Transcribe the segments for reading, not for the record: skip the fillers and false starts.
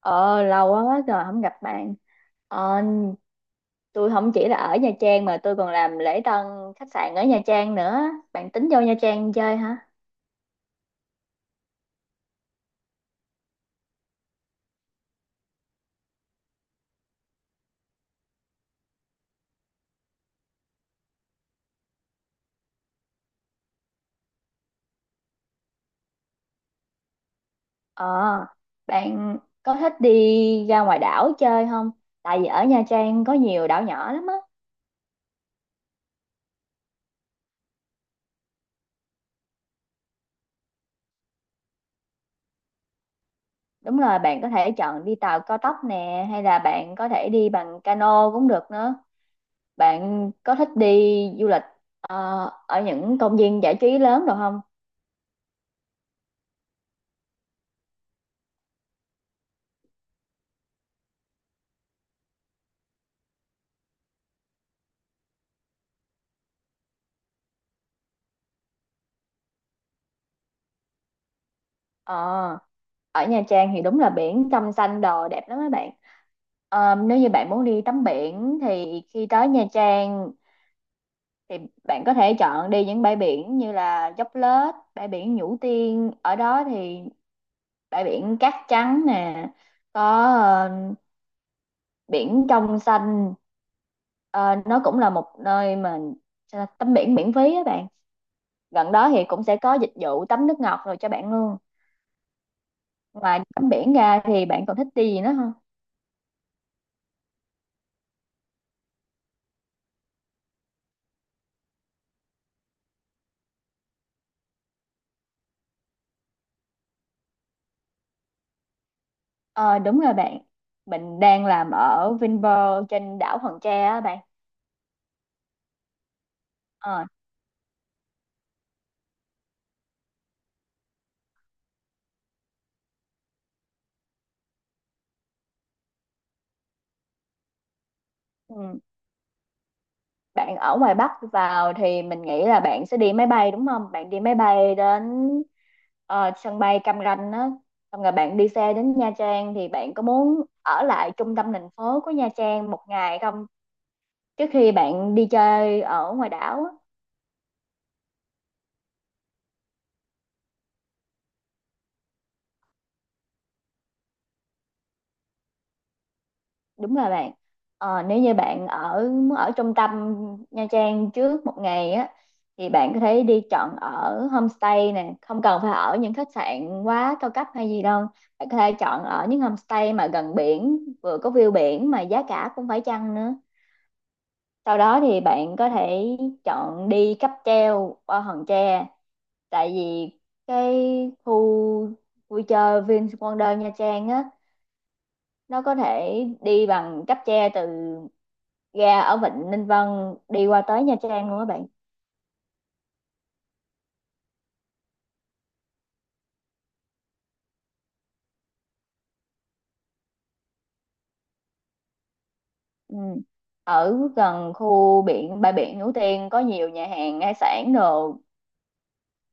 Ờ, lâu quá quá rồi không gặp bạn. Ờ, tôi không chỉ là ở Nha Trang mà tôi còn làm lễ tân khách sạn ở Nha Trang nữa. Bạn tính vô Nha Trang chơi hả? Ờ, bạn có thích đi ra ngoài đảo chơi không? Tại vì ở Nha Trang có nhiều đảo nhỏ lắm á. Đúng rồi, bạn có thể chọn đi tàu cao tốc nè, hay là bạn có thể đi bằng cano cũng được nữa. Bạn có thích đi du lịch ờ, ở những công viên giải trí lớn được không? Ờ. Ở Nha Trang thì đúng là biển trong xanh đồ đẹp lắm các bạn. Ờ, nếu như bạn muốn đi tắm biển thì khi tới Nha Trang thì bạn có thể chọn đi những bãi biển như là Dốc Lết, bãi biển Nhũ Tiên. Ở đó thì bãi biển cát trắng nè, có ờ, biển trong xanh. Ờ, nó cũng là một nơi mà sao ta, tắm biển miễn phí á bạn. Gần đó thì cũng sẽ có dịch vụ tắm nước ngọt rồi cho bạn luôn. Ngoài tắm biển ra thì bạn còn thích đi gì nữa không? Ờ đúng rồi bạn. Mình đang làm ở Vinpearl trên đảo Hòn Tre á bạn. Ờ ừ. Bạn ở ngoài Bắc vào thì mình nghĩ là bạn sẽ đi máy bay đúng không? Bạn đi máy bay đến ờ, sân bay Cam Ranh á. Xong rồi bạn đi xe đến Nha Trang. Thì bạn có muốn ở lại trung tâm thành phố của Nha Trang một ngày không? Trước khi bạn đi chơi ở ngoài đảo á. Đúng là bạn nếu như bạn muốn ở trung tâm Nha Trang trước một ngày á thì bạn có thể đi chọn ở homestay nè, không cần phải ở những khách sạn quá cao cấp hay gì đâu. Bạn có thể chọn ở những homestay mà gần biển vừa có view biển mà giá cả cũng phải chăng nữa. Sau đó thì bạn có thể chọn đi cáp treo qua Hòn Tre, tại vì cái khu vui chơi Vinwonder Nha Trang á, nó có thể đi bằng cáp treo từ Ga ở Vịnh Ninh Vân đi qua tới Nha Trang luôn các bạn. Ừ. Ở gần khu biển bãi biển Núi Tiên có nhiều nhà hàng hải sản đồ.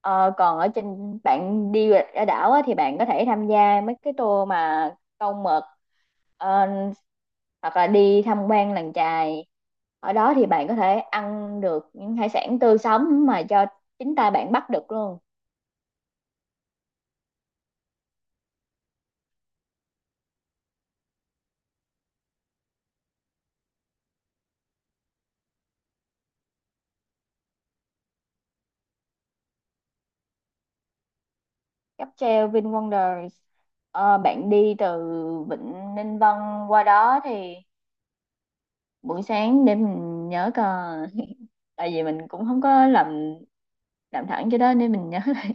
Ờ, còn ở trên bạn đi ở đảo á, thì bạn có thể tham gia mấy cái tour mà câu mực, ờ, hoặc là đi tham quan làng chài. Ở đó thì bạn có thể ăn được những hải sản tươi sống mà do chính tay bạn bắt được luôn. Cáp treo VinWonders. Ờ, bạn đi từ Vịnh Ninh Vân qua đó thì buổi sáng để mình nhớ coi tại vì mình cũng không có làm thẳng cho đó nên mình nhớ lại.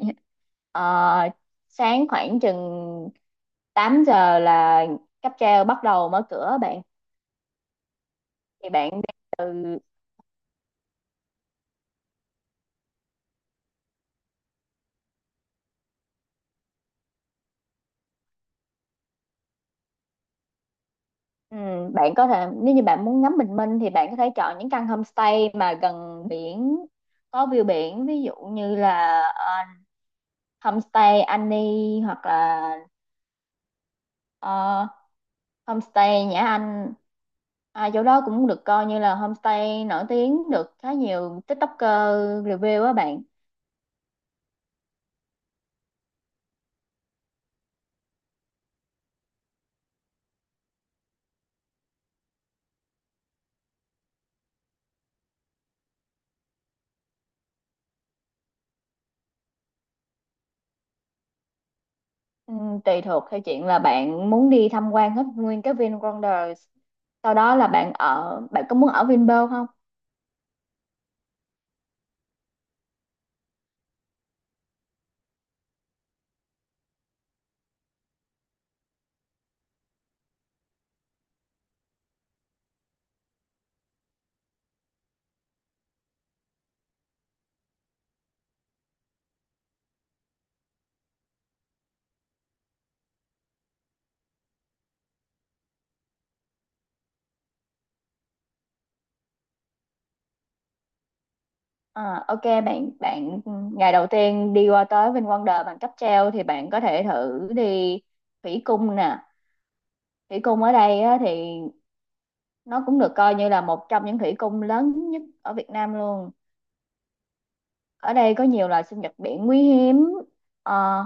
Ờ, sáng khoảng chừng 8 giờ là cáp treo bắt đầu mở cửa bạn. Thì bạn đi từ ừ, bạn có thể, nếu như bạn muốn ngắm bình minh thì bạn có thể chọn những căn homestay mà gần biển có view biển, ví dụ như là homestay Annie hoặc là ờ, Homestay Nhã Anh. À, chỗ đó cũng được coi như là homestay nổi tiếng, được khá nhiều TikToker review á bạn. Ừ, tùy thuộc theo chuyện là bạn muốn đi tham quan hết nguyên cái VinWonders, sau đó là bạn có muốn ở Vinpearl không. À, ok bạn bạn ngày đầu tiên đi qua tới VinWonders bằng cáp treo thì bạn có thể thử đi thủy cung nè. Thủy cung ở đây á, thì nó cũng được coi như là một trong những thủy cung lớn nhất ở Việt Nam luôn. Ở đây có nhiều loài sinh vật biển quý hiếm. Ờ,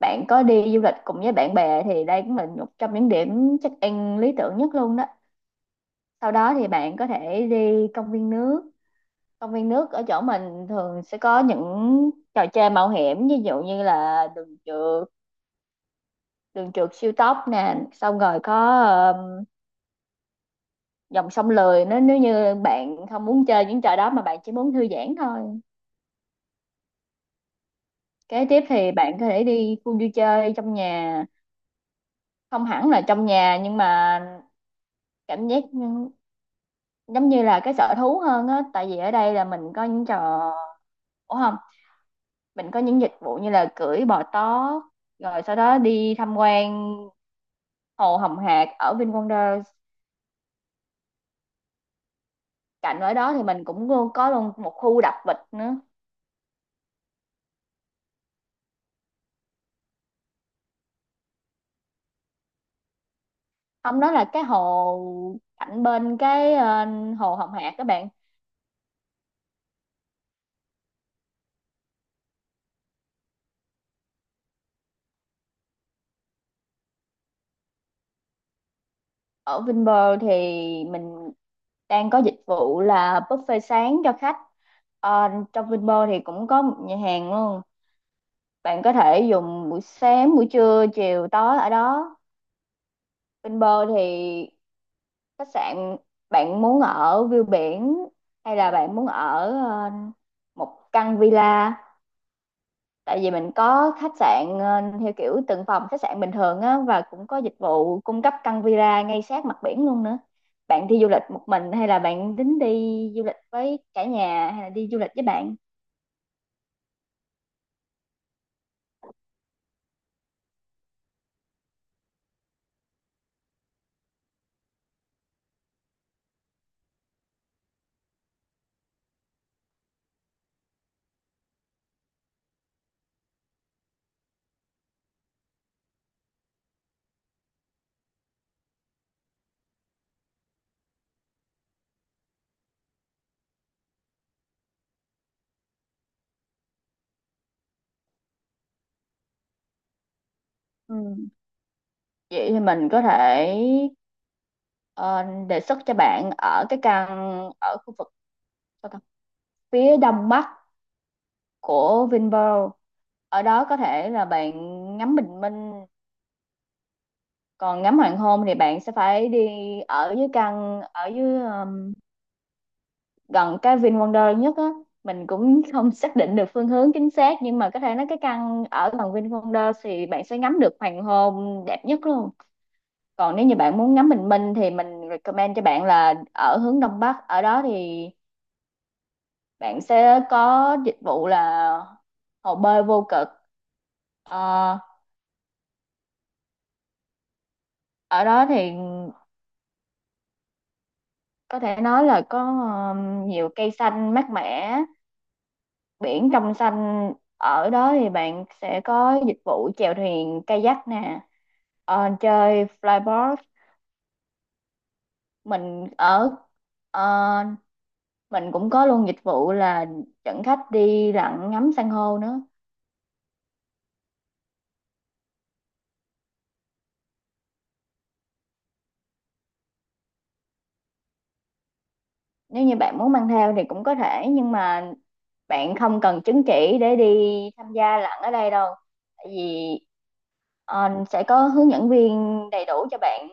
bạn có đi du lịch cùng với bạn bè thì đây cũng là một trong những điểm check in lý tưởng nhất luôn đó. Sau đó thì bạn có thể đi công viên nước. Công viên nước ở chỗ mình thường sẽ có những trò chơi mạo hiểm, ví dụ như là đường trượt siêu tốc nè, xong rồi có dòng sông lười, nếu nếu như bạn không muốn chơi những trò đó mà bạn chỉ muốn thư giãn thôi. Kế tiếp thì bạn có thể đi khu vui chơi trong nhà, không hẳn là trong nhà nhưng mà cảm giác như- giống như là cái sở thú hơn á, tại vì ở đây là mình có những trò ủa không, mình có những dịch vụ như là cưỡi bò tó, rồi sau đó đi tham quan hồ Hồng Hạc ở VinWonders. Cạnh ở đó thì mình cũng luôn có luôn một khu đạp vịt nữa. Không, đó là cái hồ cạnh bên cái hồ Hồng Hạc các bạn. Ở Vinpearl thì mình đang có dịch vụ là buffet sáng cho khách. Ờ, trong Vinpearl thì cũng có một nhà hàng luôn. Bạn có thể dùng buổi sáng, buổi trưa, chiều, tối ở đó. Bên bờ thì khách sạn, bạn muốn ở view biển hay là bạn muốn ở một căn villa? Tại vì mình có khách sạn theo kiểu từng phòng khách sạn bình thường á, và cũng có dịch vụ cung cấp căn villa ngay sát mặt biển luôn nữa. Bạn đi du lịch một mình, hay là bạn tính đi du lịch với cả nhà, hay là đi du lịch với bạn? Ừ. Vậy thì mình có thể ờ, đề xuất cho bạn ở cái căn ở khu vực, và cả phía đông bắc của Vinpearl, ở đó có thể là bạn ngắm bình minh. Còn ngắm hoàng hôn thì bạn sẽ phải đi ở dưới căn ở dưới gần cái Vin Wonder nhất á. Mình cũng không xác định được phương hướng chính xác, nhưng mà có thể nói cái căn ở gần Vin Wonder thì bạn sẽ ngắm được hoàng hôn đẹp nhất luôn. Còn nếu như bạn muốn ngắm bình minh thì mình recommend cho bạn là ở hướng đông bắc, ở đó thì bạn sẽ có dịch vụ là hồ bơi vô cực. Ờ, ở đó thì có thể nói là có nhiều cây xanh mát mẻ, biển trong xanh. Ở đó thì bạn sẽ có dịch vụ chèo thuyền kayak nè, chơi flyboard. mình ở ờ, mình cũng có luôn dịch vụ là dẫn khách đi lặn ngắm san hô nữa. Nếu như bạn muốn mang theo thì cũng có thể, nhưng mà bạn không cần chứng chỉ để đi tham gia lặn ở đây đâu, tại vì sẽ có hướng dẫn viên đầy đủ cho bạn.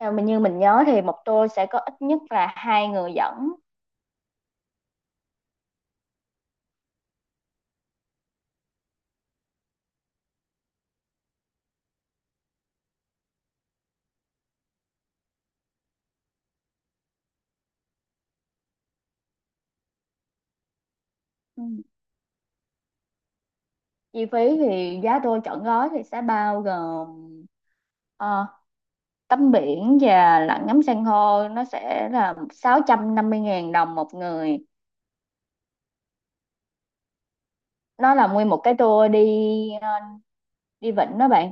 Theo mình như mình nhớ thì một tour sẽ có ít nhất là hai người dẫn. Ừ. Chi phí thì giá tour trọn gói thì sẽ bao gồm ờ, tắm biển và lặn ngắm san hô, nó sẽ là 650.000 đồng một người. Nó là nguyên một cái tour ờ, đi vịnh đó bạn.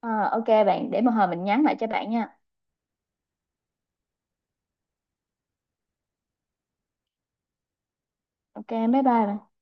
Ờ, ok bạn, để một hồi mình nhắn lại cho bạn nha. Ok, bye bye bạn.